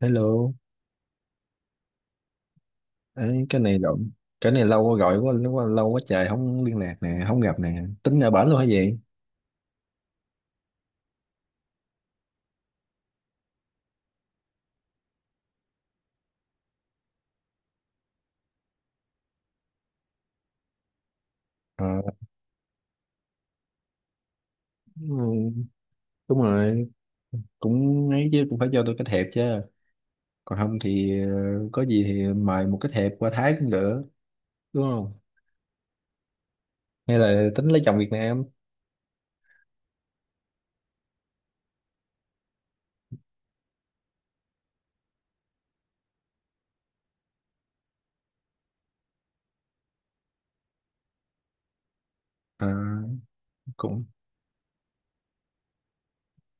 Hello, ấy, cái này rộng, cái này lâu quá gọi quá, quá lâu quá trời không liên lạc nè, không gặp nè, tính ở bển luôn hả vậy? Ờ, ừ, đúng rồi, cũng ấy chứ cũng phải cho tôi cái thiệp chứ, còn không thì có gì thì mời một cái thiệp qua Thái cũng được, đúng không? Hay là tính lấy chồng Việt Nam, Ờ, cũng,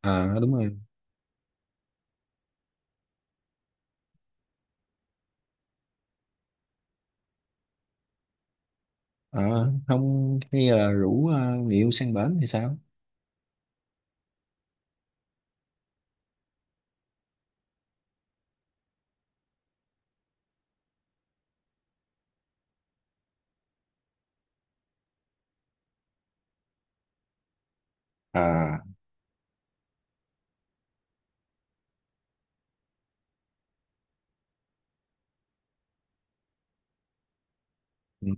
à đúng rồi. Ờ, không, hay là rủ người yêu sang bển thì sao? À, ừ.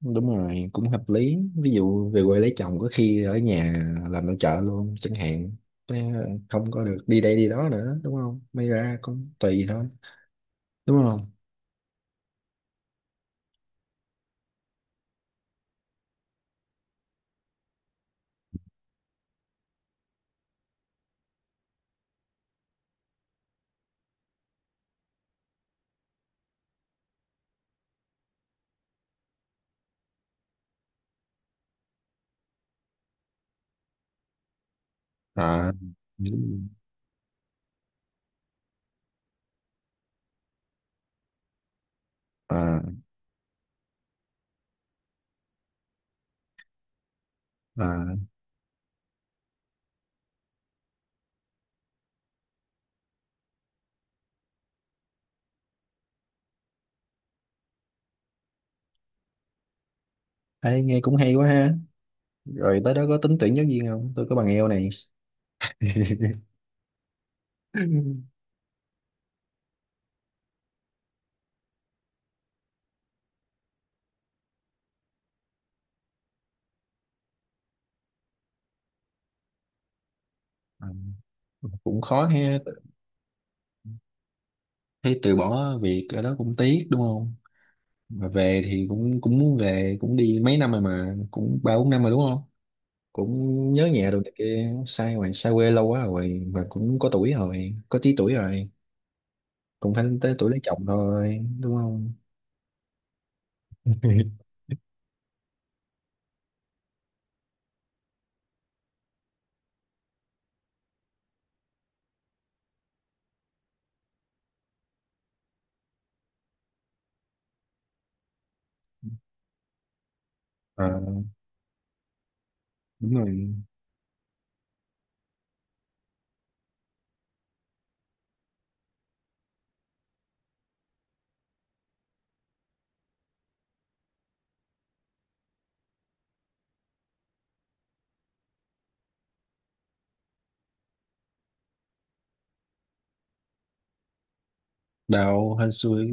Đúng rồi, cũng hợp lý. Ví dụ về quê lấy chồng có khi ở nhà làm nội trợ luôn chẳng hạn. Thế không có được đi đây đi đó nữa, đúng không? May ra cũng tùy thôi, đúng không? À đúng. À, à. Ê, nghe cũng hay quá ha, rồi tới đó có tính tuyển giáo viên không, tôi có bằng eo này. Ừ. À, cũng khó ha, thấy từ bỏ việc ở đó cũng tiếc đúng không, mà về thì cũng cũng muốn về, cũng đi mấy năm rồi mà cũng ba bốn năm rồi đúng không, cũng nhớ nhà rồi, này kia sai rồi, xa quê lâu quá rồi và cũng có tuổi rồi, có tí tuổi rồi, cũng phải tới tuổi lấy chồng thôi đúng không. À, đúng rồi. Đào hên xui.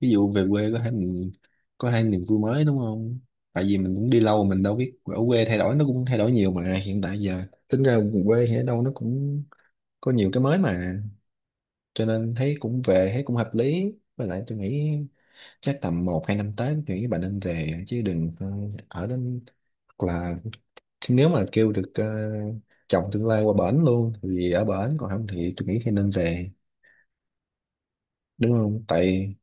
Ví dụ về quê có hai mình, có hai niềm vui mới đúng không, tại vì mình cũng đi lâu mình đâu biết ở quê thay đổi, nó cũng thay đổi nhiều mà hiện tại giờ tính ra quê thì ở đâu nó cũng có nhiều cái mới mà, cho nên thấy cũng về thấy cũng hợp lý. Với lại tôi nghĩ chắc tầm một hai năm tới thì các bạn nên về chứ đừng ở đến, hoặc là nếu mà kêu được chồng tương lai qua bển luôn thì ở bển, còn không thì tôi nghĩ thì nên về, đúng không. Tại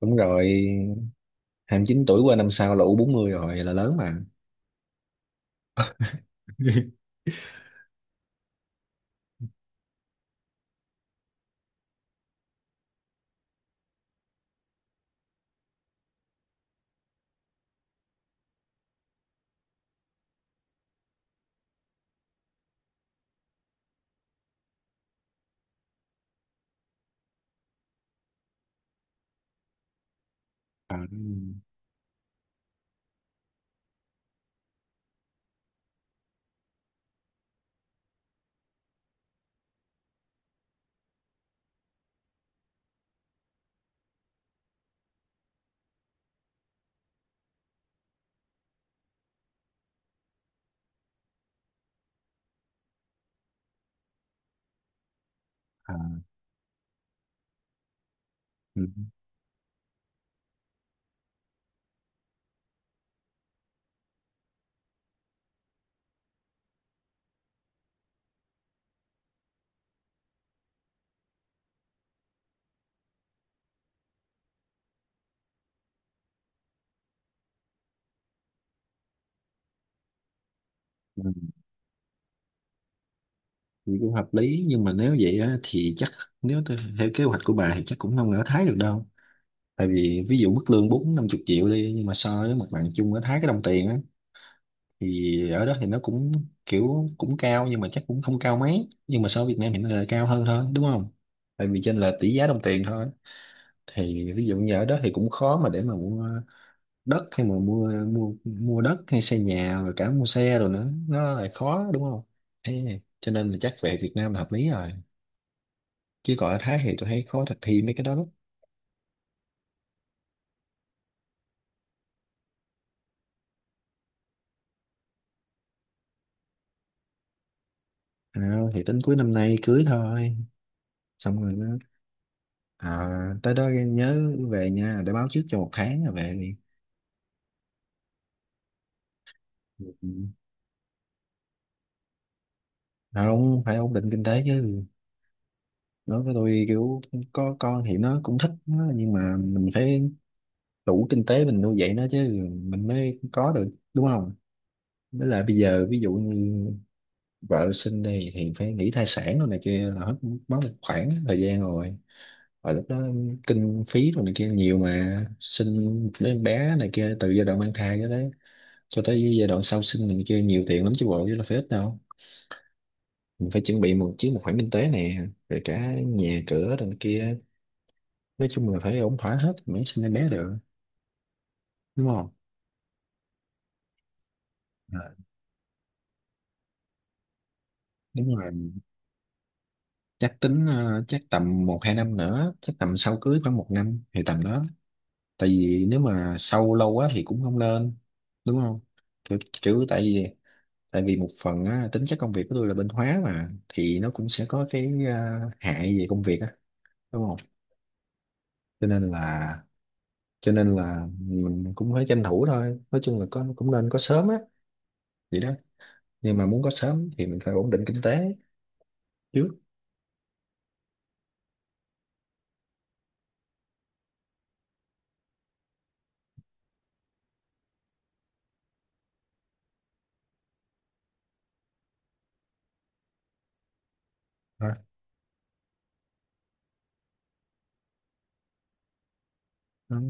đúng rồi, hai mươi chín tuổi qua năm sau là u bốn mươi rồi là lớn mà. À, à, ừ, ừ, thì cũng hợp lý nhưng mà nếu vậy á, thì chắc nếu tôi theo kế hoạch của bà thì chắc cũng không ở Thái được đâu. Tại vì ví dụ mức lương bốn năm chục triệu đi, nhưng mà so với mặt bằng chung ở Thái, cái đồng tiền á, thì ở đó thì nó cũng kiểu cũng cao, nhưng mà chắc cũng không cao mấy, nhưng mà so với Việt Nam hiện nay là cao hơn thôi đúng không, tại vì trên là tỷ giá đồng tiền thôi. Thì ví dụ như ở đó thì cũng khó mà để mà mua đất, hay mà mua mua mua đất hay xây nhà rồi cả mua xe rồi nữa nó lại khó đúng không, thế cho nên là chắc về Việt Nam là hợp lý rồi, chứ còn ở Thái thì tôi thấy khó thực thi mấy cái đó lắm. À, thì tính cuối năm nay cưới thôi, xong rồi nó. À, tới đó nhớ về nha, để báo trước cho một tháng là về đi. Ừ. Không, phải ổn định kinh tế chứ, nói với tôi kiểu có con thì nó cũng thích nó, nhưng mà mình phải đủ kinh tế mình nuôi dạy nó chứ, mình mới có được đúng không. Với lại bây giờ ví dụ như vợ sinh đi thì phải nghĩ thai sản rồi này kia là hết mất một khoảng thời gian rồi, và lúc đó kinh phí rồi này kia nhiều, mà sinh một đứa em bé này kia từ giai đoạn mang thai cho tới giai đoạn sau sinh này kia nhiều tiền lắm chứ bộ, chứ là phải ít đâu. Mình phải chuẩn bị một khoản kinh tế nè rồi cả nhà cửa đằng kia, nói chung là phải ổn thỏa hết mới sinh em bé được, đúng không. Ờ, đúng rồi, chắc tính chắc tầm một hai năm nữa, chắc tầm sau cưới khoảng một năm thì tầm đó, tại vì nếu mà sau lâu quá thì cũng không nên đúng không. Kiểu tại vì một phần á, tính chất công việc của tôi là bên hóa mà, thì nó cũng sẽ có cái hại về công việc á, đúng không, cho nên là cho nên là mình cũng phải tranh thủ thôi, nói chung là có cũng nên có sớm á, vậy đó. Nhưng mà muốn có sớm thì mình phải ổn định kinh tế trước. À.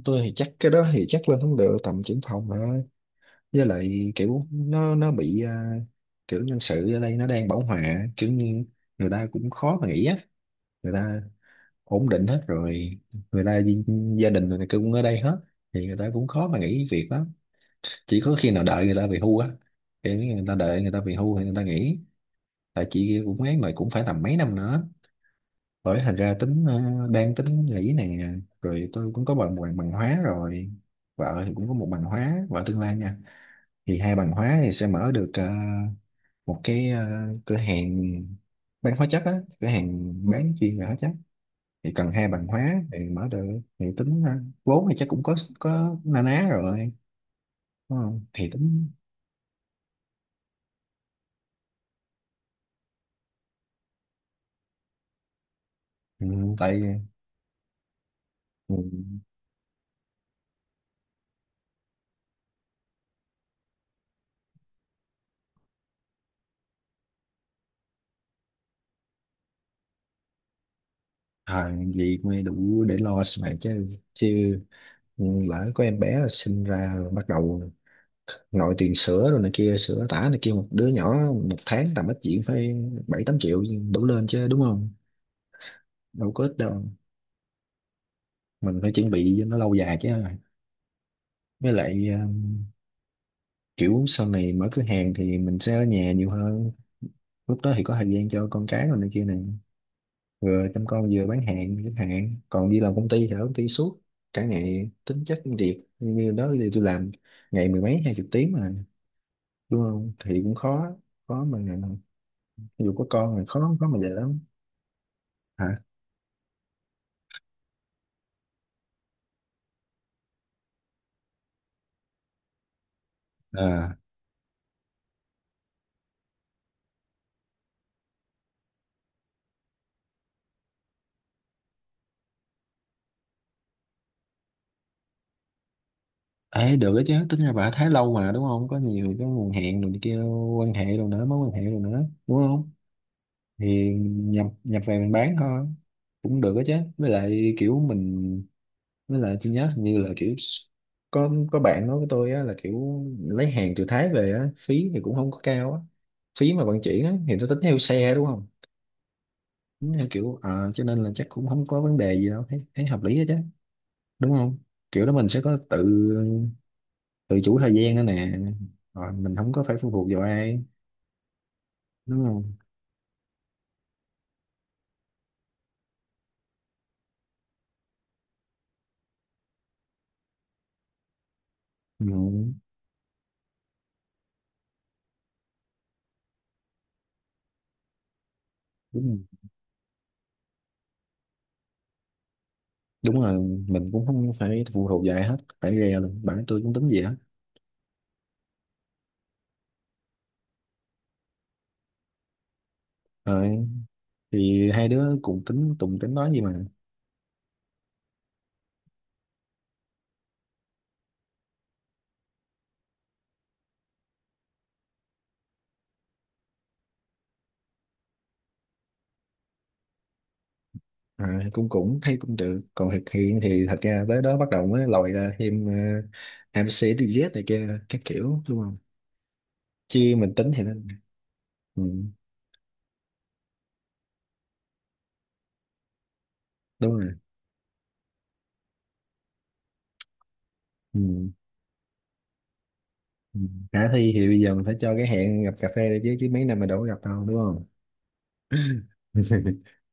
Tôi thì chắc cái đó thì chắc lên không được, tầm trưởng phòng mà. Với lại kiểu nó bị kiểu nhân sự ở đây nó đang bão hòa, kiểu như người ta cũng khó mà nghĩ á, người ta ổn định hết rồi, người ta gia đình rồi này kia cũng ở đây hết, thì người ta cũng khó mà nghỉ việc lắm, chỉ có khi nào đợi người ta về hưu á, kiểu như người ta đợi người ta về hưu thì người ta nghỉ. Tại chị cũng ấy mà, cũng phải tầm mấy năm nữa, bởi thành ra tính đang tính nghỉ nè. Rồi tôi cũng có bằng bằng, bằng hóa rồi, vợ thì cũng có một bằng hóa, vợ tương lai nha, thì hai bằng hóa thì sẽ mở được một cái cửa hàng bán hóa chất á, cửa hàng bán chuyên về hóa chất, thì cần hai bằng hóa thì mở được. Thì tính vốn thì chắc cũng có na ná rồi, đúng không thì tính. Ừ, tại ừ, thời vậy mới đủ để lo sau này chứ, chứ lỡ có em bé sinh ra rồi bắt đầu nội tiền sữa rồi này kia, sữa tã này kia, một đứa nhỏ một tháng tầm ít chuyện phải bảy tám triệu, đủ lên chứ đúng không, đâu có ít đâu. Mình phải chuẩn bị cho nó lâu dài chứ. Với lại kiểu sau này mở cửa hàng thì mình sẽ ở nhà nhiều hơn, lúc đó thì có thời gian cho con cái rồi này kia này, vừa chăm con vừa bán hàng chẳng hạn, còn đi làm công ty thì ở công ty suốt cả ngày, tính chất công việc như đó thì tôi làm ngày mười mấy hai chục tiếng mà, đúng không thì cũng khó, khó mà, dù có con thì khó, khó mà dễ lắm. Hả? À. Ê được đó chứ, tính ra bà Thái lâu mà đúng không, có nhiều cái nguồn hẹn rồi này kia, quan hệ rồi nữa, mối quan hệ rồi nữa đúng không, thì nhập nhập về mình bán thôi, cũng được đó chứ. Với lại kiểu mình, với lại tôi nhớ hình như là kiểu có bạn nói với tôi á, là kiểu lấy hàng từ Thái về á, phí thì cũng không có cao á, phí mà vận chuyển á, thì tôi tính theo xe đúng không, tính theo kiểu à, cho nên là chắc cũng không có vấn đề gì đâu, thấy, thấy hợp lý đó chứ, đúng không. Kiểu đó mình sẽ có tự, tự chủ thời gian nữa nè, rồi mình không có phải phụ thuộc vào ai, đúng không. Ừ, đúng rồi. Đúng là mình cũng không phải phụ thuộc vào ai hết, phải ghe luôn bản tôi cũng tính gì hết. Rồi thì hai đứa cùng tính, cùng tính nói gì mà. À, cũng cũng thấy cũng được, còn thực hiện thì thật ra tới đó bắt đầu mới lòi ra thêm uh, MC DZ này kia các kiểu, đúng không, chứ mình tính thì nó. Ừ, đúng rồi. Ừ. Ừ. Khả thi thì bây giờ mình phải cho cái hẹn gặp cà phê đi chứ, chứ mấy năm mà đâu có gặp đâu đúng không.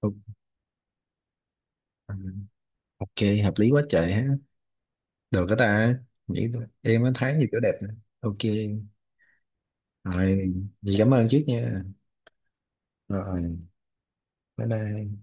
Ok, ok, hợp lý quá trời ha. Được cái ta nghĩ thôi. Em mới thấy nhiều kiểu đẹp nè. Ok. Rồi, vậy cảm ơn trước nha. Rồi. Bye bye.